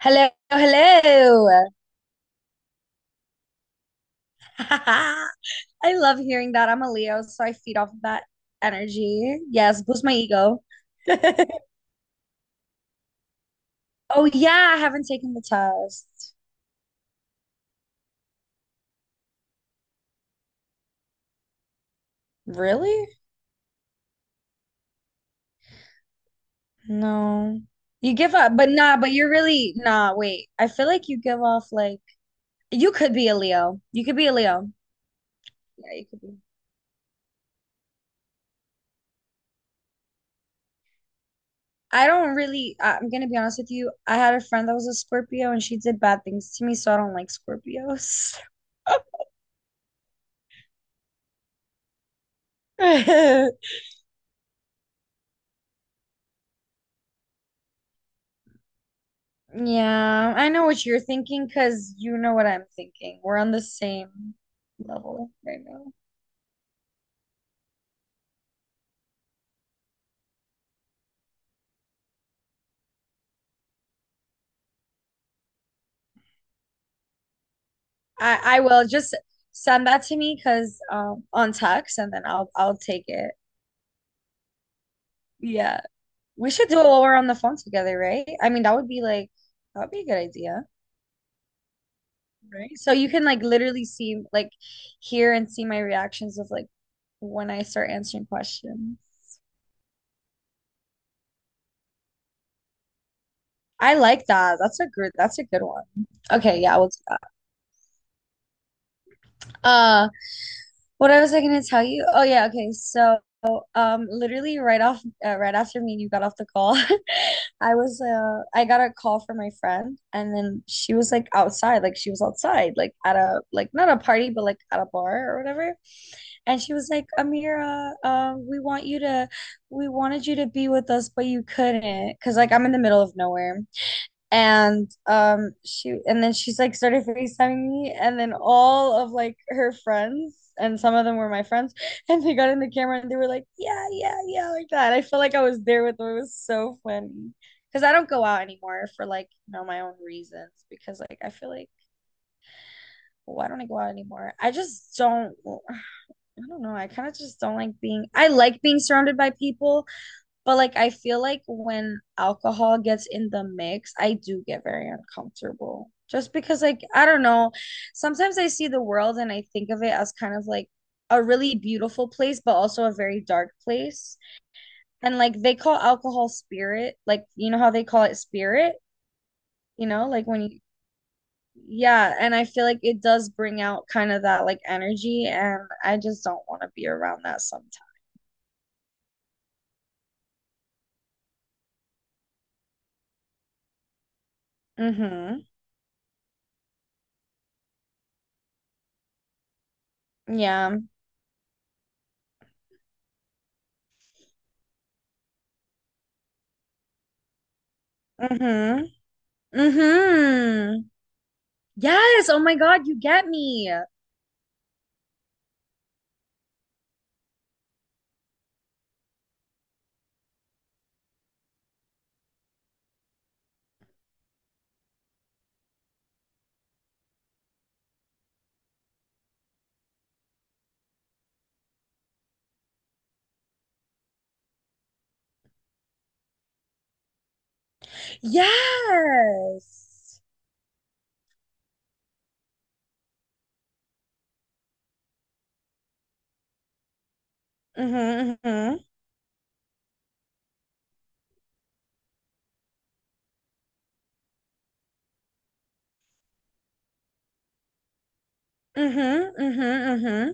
Hello, hello. I love hearing that. I'm a Leo, so I feed off of that energy. Yes, boost my ego. Oh yeah, I haven't taken the test. Really? No. You give up, but nah, but you're really nah, wait. I feel like you give off like you could be a Leo. You could be a Leo. Yeah, you could be. I don't really I- I'm gonna be honest with you. I had a friend that was a Scorpio and she did bad things to me, so I don't like Scorpios. Yeah, I know what you're thinking because you know what I'm thinking. We're on the same level right now. I will just send that to me because on text and then I'll take it. Yeah. We should do it while we're on the phone together, right? I mean, that would be a good idea, right? So you can like literally see like hear and see my reactions of like when I start answering questions. I like that. That's a good one. Okay, yeah, we'll do that. Uh What I was I gonna tell you? Oh yeah, okay. So literally right after me and you got off the call, I got a call from my friend, and then she was like outside, like she was outside, like at a not a party but like at a bar or whatever. And she was like, "Amira, we want you to we wanted you to be with us, but you couldn't because like I'm in the middle of nowhere." And she and then she's like started FaceTiming me, and then all of like her friends and some of them were my friends, and they got in the camera, and they were like, yeah, yeah, yeah. Like that, I felt like I was there with them. It was so funny because I don't go out anymore for like you know my own reasons, because like I feel like why don't I go out anymore? I just don't I don't know. I kind of just don't like being I like being surrounded by people, but like I feel like when alcohol gets in the mix, I do get very uncomfortable. Just because like I don't know, sometimes I see the world and I think of it as kind of like a really beautiful place but also a very dark place. And like they call alcohol spirit, like you know how they call it spirit, you know, like when you yeah, and I feel like it does bring out kind of that like energy, and I just don't want to be around that sometimes. Mm-hmm. Yeah. Mm-hmm. Mm-hmm. Yes. Oh my God, you get me. Yes. Mm-hmm, mm-hmm. Mm-hmm, mm-hmm, mm-hmm.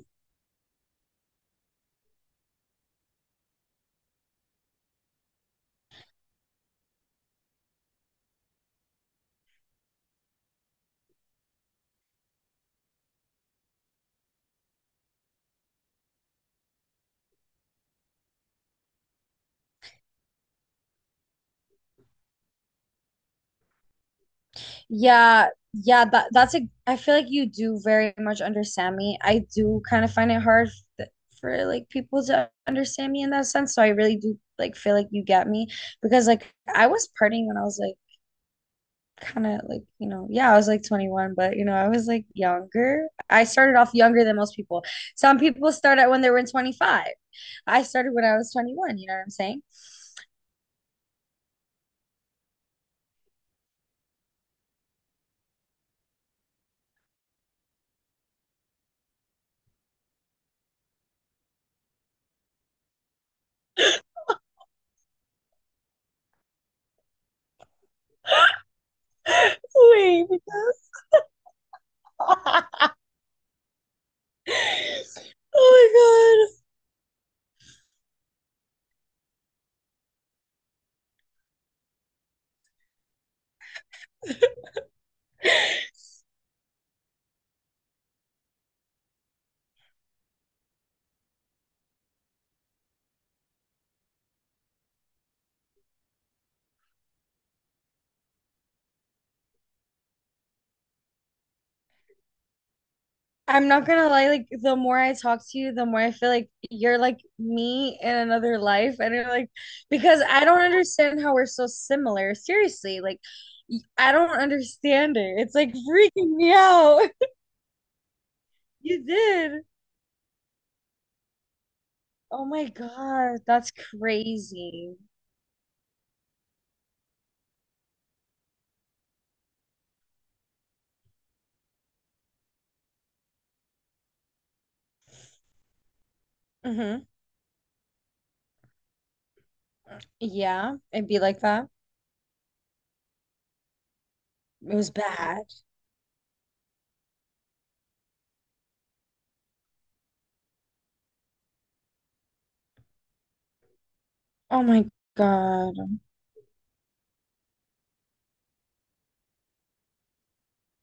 Yeah, yeah, that that's a I feel like you do very much understand me. I do kind of find it hard th- for like people to understand me in that sense, so I really do like feel like you get me because like I was partying when I was like kind of like, you know, yeah, I was like 21, but you know, I was like younger. I started off younger than most people. Some people start at when they were in 25. I started when I was 21, you know what I'm saying? I'm not gonna lie, like the more I talk to you, the more I feel like you're like me in another life. And you're like, because I don't understand how we're so similar. Seriously, like I don't understand it. It's like freaking me out. You did. Oh my God, that's crazy. Hmm. Yeah, it'd be like that. It was bad. Oh my God.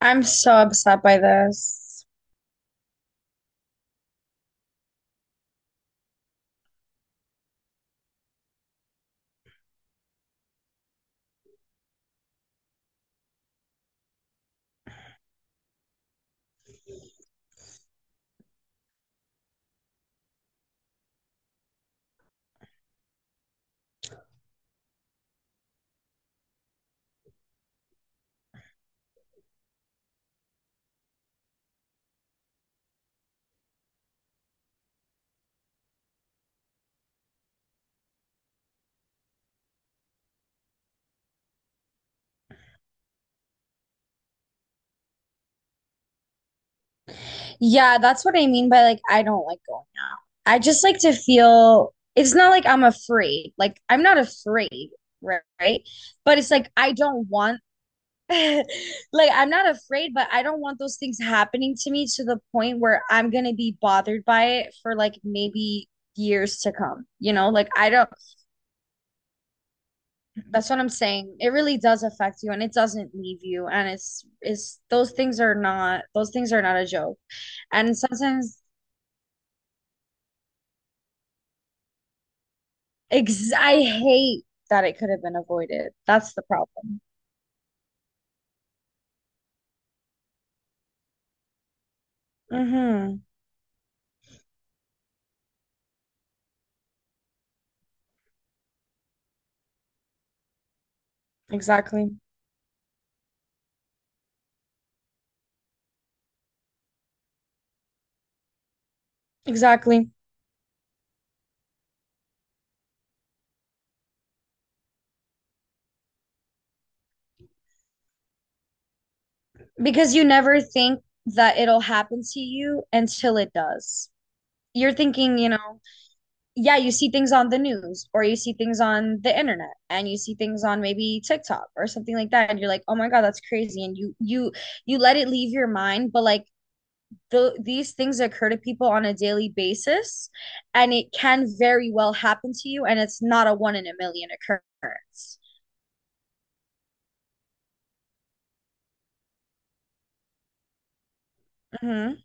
I'm so upset by this. Yeah, that's what I mean by like, I don't like going out. I just like to feel it's not like I'm afraid. Like, I'm not afraid, right? But it's like, I don't want, like, I'm not afraid, but I don't want those things happening to me to the point where I'm gonna be bothered by it for like maybe years to come, you know? Like, I don't. That's what I'm saying. It really does affect you and it doesn't leave you. And it's those things are not those things are not a joke. And sometimes ex I hate that it could have been avoided. That's the problem. Mm-hmm. Exactly. Exactly. Because you never think that it'll happen to you until it does. You're thinking, you know, yeah, you see things on the news or you see things on the internet and you see things on maybe TikTok or something like that and you're like, "Oh my God, that's crazy." And you let it leave your mind, but like these things occur to people on a daily basis and it can very well happen to you, and it's not a one in a million occurrence. Hmm.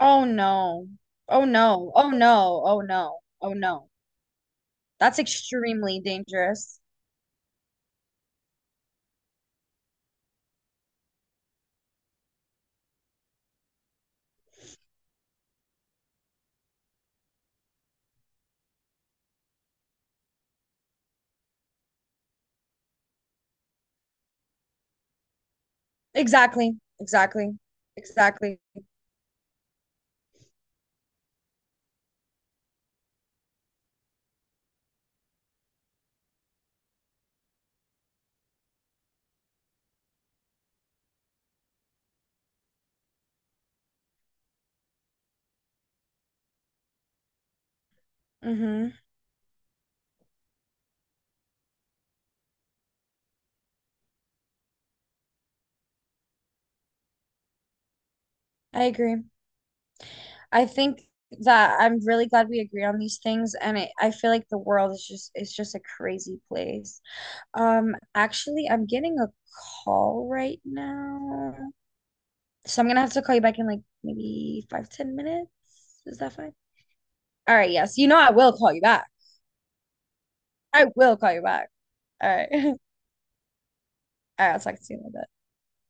Oh no. Oh no. Oh no. Oh no. Oh no. That's extremely dangerous. Exactly. Exactly. Exactly. Hmm. I agree. I think that I'm really glad we agree on these things, and it, I feel like the world is just a crazy place. Actually, I'm getting a call right now, so I'm gonna have to call you back in like maybe five, 10 minutes. Is that fine? All right, yes. You know I will call you back. I will call you back. All right. All right, I'll talk to you in a bit.